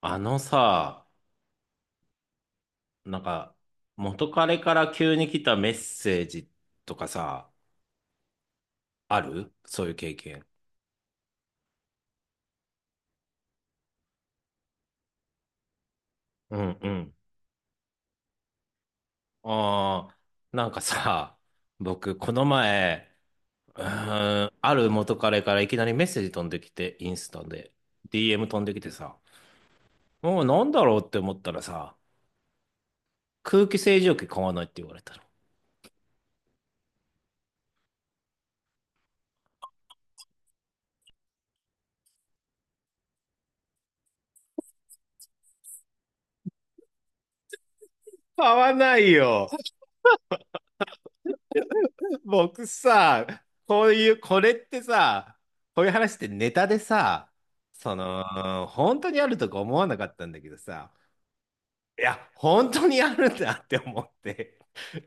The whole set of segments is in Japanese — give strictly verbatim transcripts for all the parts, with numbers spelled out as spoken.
あのさ、なんか、元彼から急に来たメッセージとかさ、あるそういう経験。うんうん。ああ、なんかさ、僕、この前、うーん、ある元彼からいきなりメッセージ飛んできて、インスタで、ディーエム 飛んできてさ、もうなんだろうって思ったらさ、空気清浄機買わないって言われたの。買わないよ。僕さ、こういう、これってさ、こういう話ってネタでさ、その、本当にあるとか思わなかったんだけどさ、いや、本当にあるんだって思って、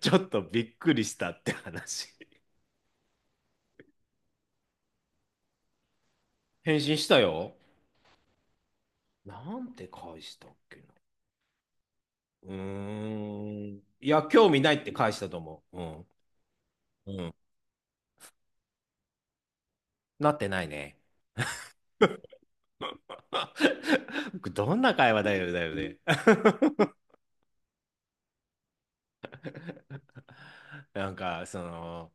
ちょっとびっくりしたって話。返信したよ。なんて返したっけな。うーん。いや、興味ないって返したと思う。うん。うん。なってないね。どんな会話だよ、だよね。なんか、その、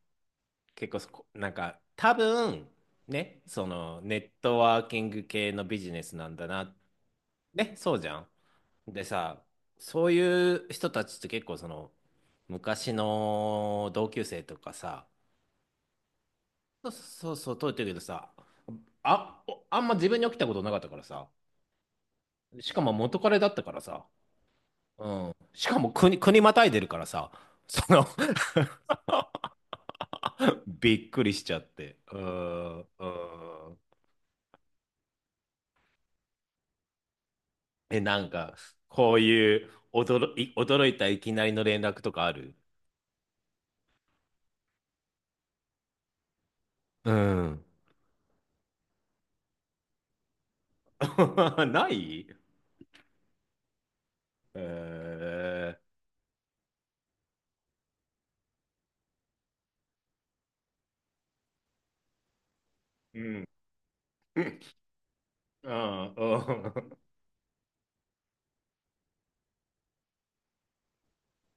結構そこなんか多分ね、そのネットワーキング系のビジネスなんだな。ねそうじゃん。でさ、そういう人たちって結構その昔の同級生とかさ、そうそうそう通ってるけどさ、あおあんま自分に起きたことなかったからさ、しかも元彼だったからさ、しかも国、国またいでるからさ、その びっくりしちゃってうーんうーん え、なんか、こういう驚い、驚いたいきなりの連絡とかある？うん。ない？えー、うん。うん。うん。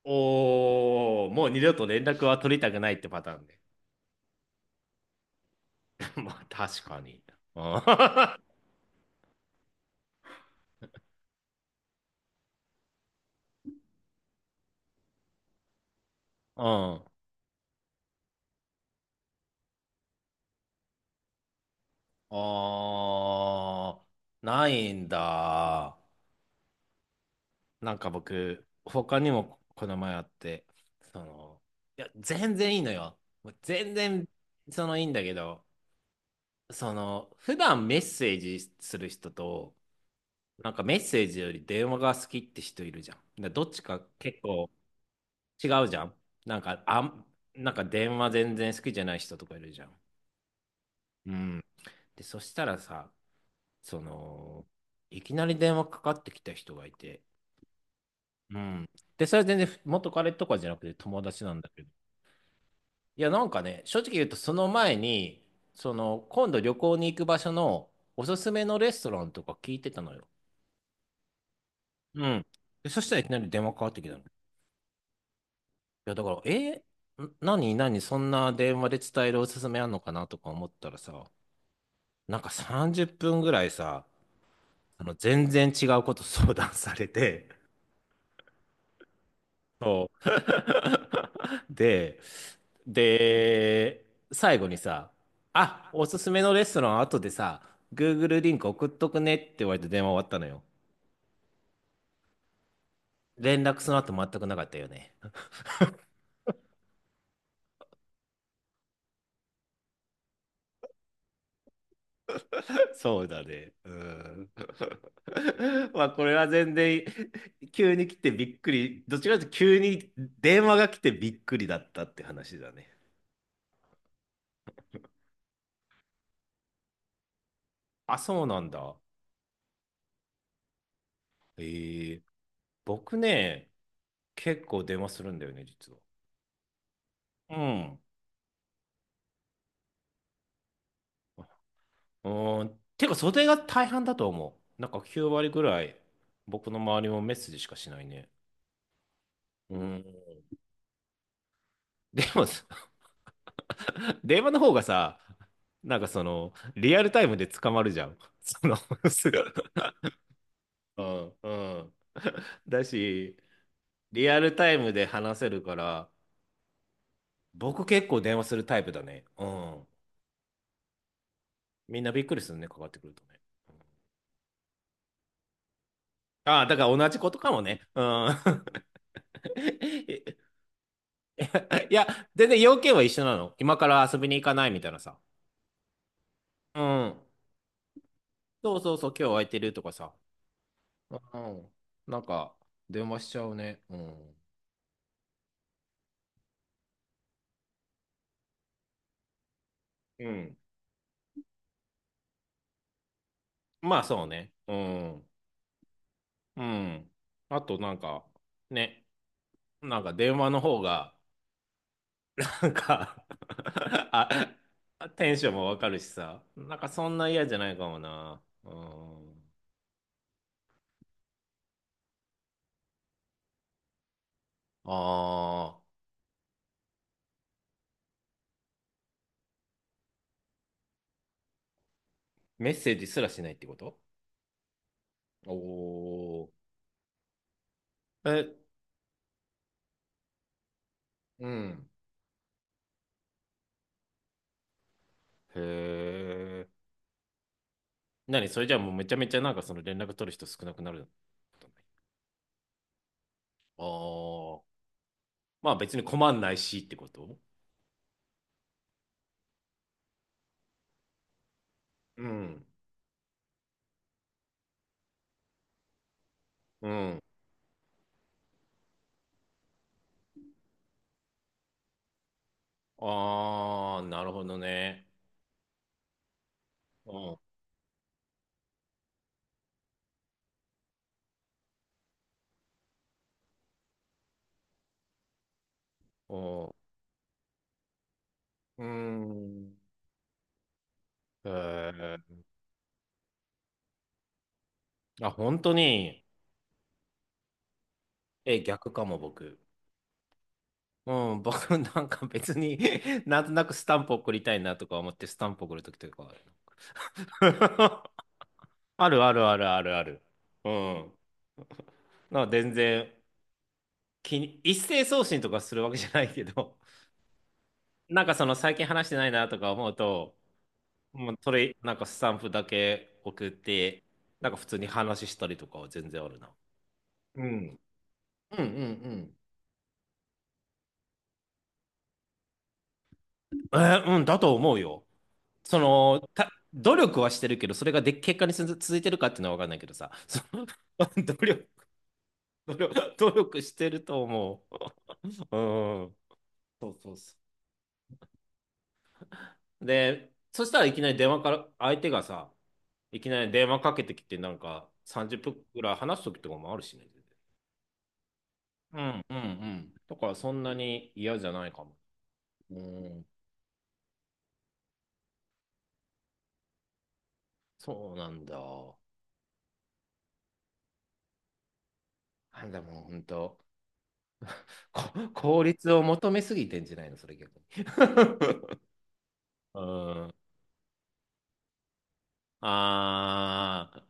おー、もう二度と連絡は取りたくないってパターンね。まあ、確かに。うん。うん、あー、ないんだ。なんか僕、他にもこの前あって、その、いや、全然いいのよ。もう全然、そのいいんだけど、その、普段メッセージする人と、なんかメッセージより電話が好きって人いるじゃん。でどっちか結構違うじゃん。なんか、あん、なんか電話全然好きじゃない人とかいるじゃん。うん。で、そしたらさ、その、いきなり電話かかってきた人がいて、うん。で、それは全然元彼とかじゃなくて友達なんだけど。いや、なんかね、正直言うとその前に、その、今度旅行に行く場所のおすすめのレストランとか聞いてたのよ。うん。で、そしたらいきなり電話かかってきたの。いや、だから、えん何、何、そんな電話で伝えるおすすめあんのかなとか思ったらさ、なんかさんじゅっぷんぐらいさ、あの全然違うこと相談されて、そう。で、で、最後にさ、あ、おすすめのレストラン後でさ、Google リンク送っとくねって言われて電話終わったのよ。連絡その後全くなかったよね。そうだね。うん。まあこれは全然急に来てびっくり。どっちかというと急に電話が来てびっくりだったって話だね。あ、そうなんだ。ええ、僕ね、結構電話するんだよね、実は。うん。うん。てか、それが大半だと思う。なんかきゅう割ぐらい、僕の周りもメッセージしかしないね。うん。でも、電話の方がさ、なんかその、リアルタイムで捕まるじゃん。その、すぐ。うんうん。だし、リアルタイムで話せるから、僕結構電話するタイプだね。うん。みんなびっくりするね、かかってくるとね。ああ、だから同じことかもね。うん。いや、全然要件は一緒なの。今から遊びに行かないみたいなさ。うん。そうそうそう、今日空いてるとかさ。うん。なんか、電話しちゃうね。うん。うん。まあそうね。うん。うん。あとなんか、ね。なんか電話の方が、なんか あ、テンションもわかるしさ。なんかそんな嫌じゃないかもな。うん。ああ、メッセージすらしないってこと？おおー。え、うん。へえ。何それ？じゃあもうめちゃめちゃなんかその連絡取る人少なくなることない？ああ。まあ別に困んないしってこと？うん。うん。ああ、なるほどね。うん。うん。うん。へえ。あ、本当に。え、逆かも、僕。うん、僕なんか別に なんとなくスタンプ送りたいなとか思ってスタンプ送るときとかある。あるあるあるあるある。うん。なんか全然気に、一斉送信とかするわけじゃないけど、なんかその最近話してないなとか思うと、もうそれ、なんかスタンプだけ送って、なんか普通に話したりとかは全然あるな。うん。うんうんうん。えー、うんだと思うよ。その、た、努力はしてるけど、それがで、結果につ続いてるかっていうのは分かんないけどさ、その 努力、努力、努力してると思う。うん。そうそうそう。で、そしたらいきなり電話から、相手がさ、いきなり電話かけてきて、なんかさんじゅっぷんぐらい話すときとかもあるしね。うんうんうん。だからそんなに嫌じゃないかも。うん、そうなんだ。なんだもう本当、こ 効率を求めすぎてんじゃないの、それ逆に。うん、あ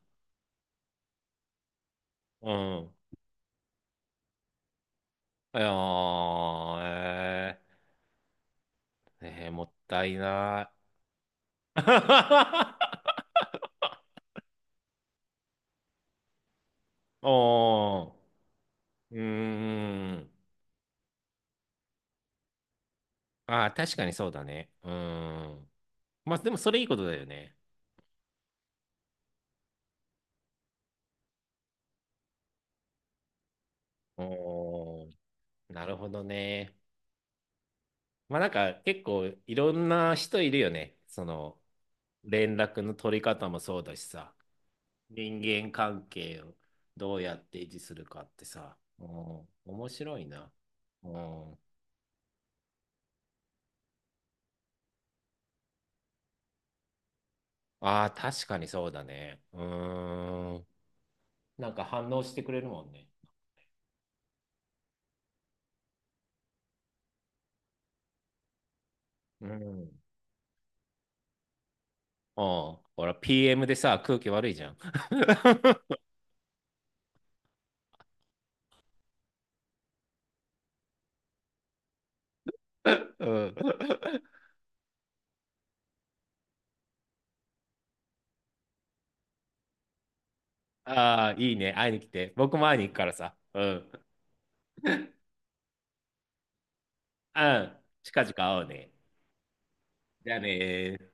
ー、うん。いやー、えー、ねえもったいない。おー、うーん。あー、確かにそうだね。うーん。まあ、でもそれいいことだよね。おー、なるほどね。まあ、なんか結構いろんな人いるよね。その、連絡の取り方もそうだしさ。人間関係をどうやって維持するかってさ、うん、面白いな。うん、ああ、確かにそうだね。うーん。なんか反応してくれるもんね。うん。うん。ほら、ピーエム でさ、空気悪いじゃん。うん。ああ、いいね。会いに来て。僕も会いに行くからさ。うん。うん。近々会おうね。じゃあねー。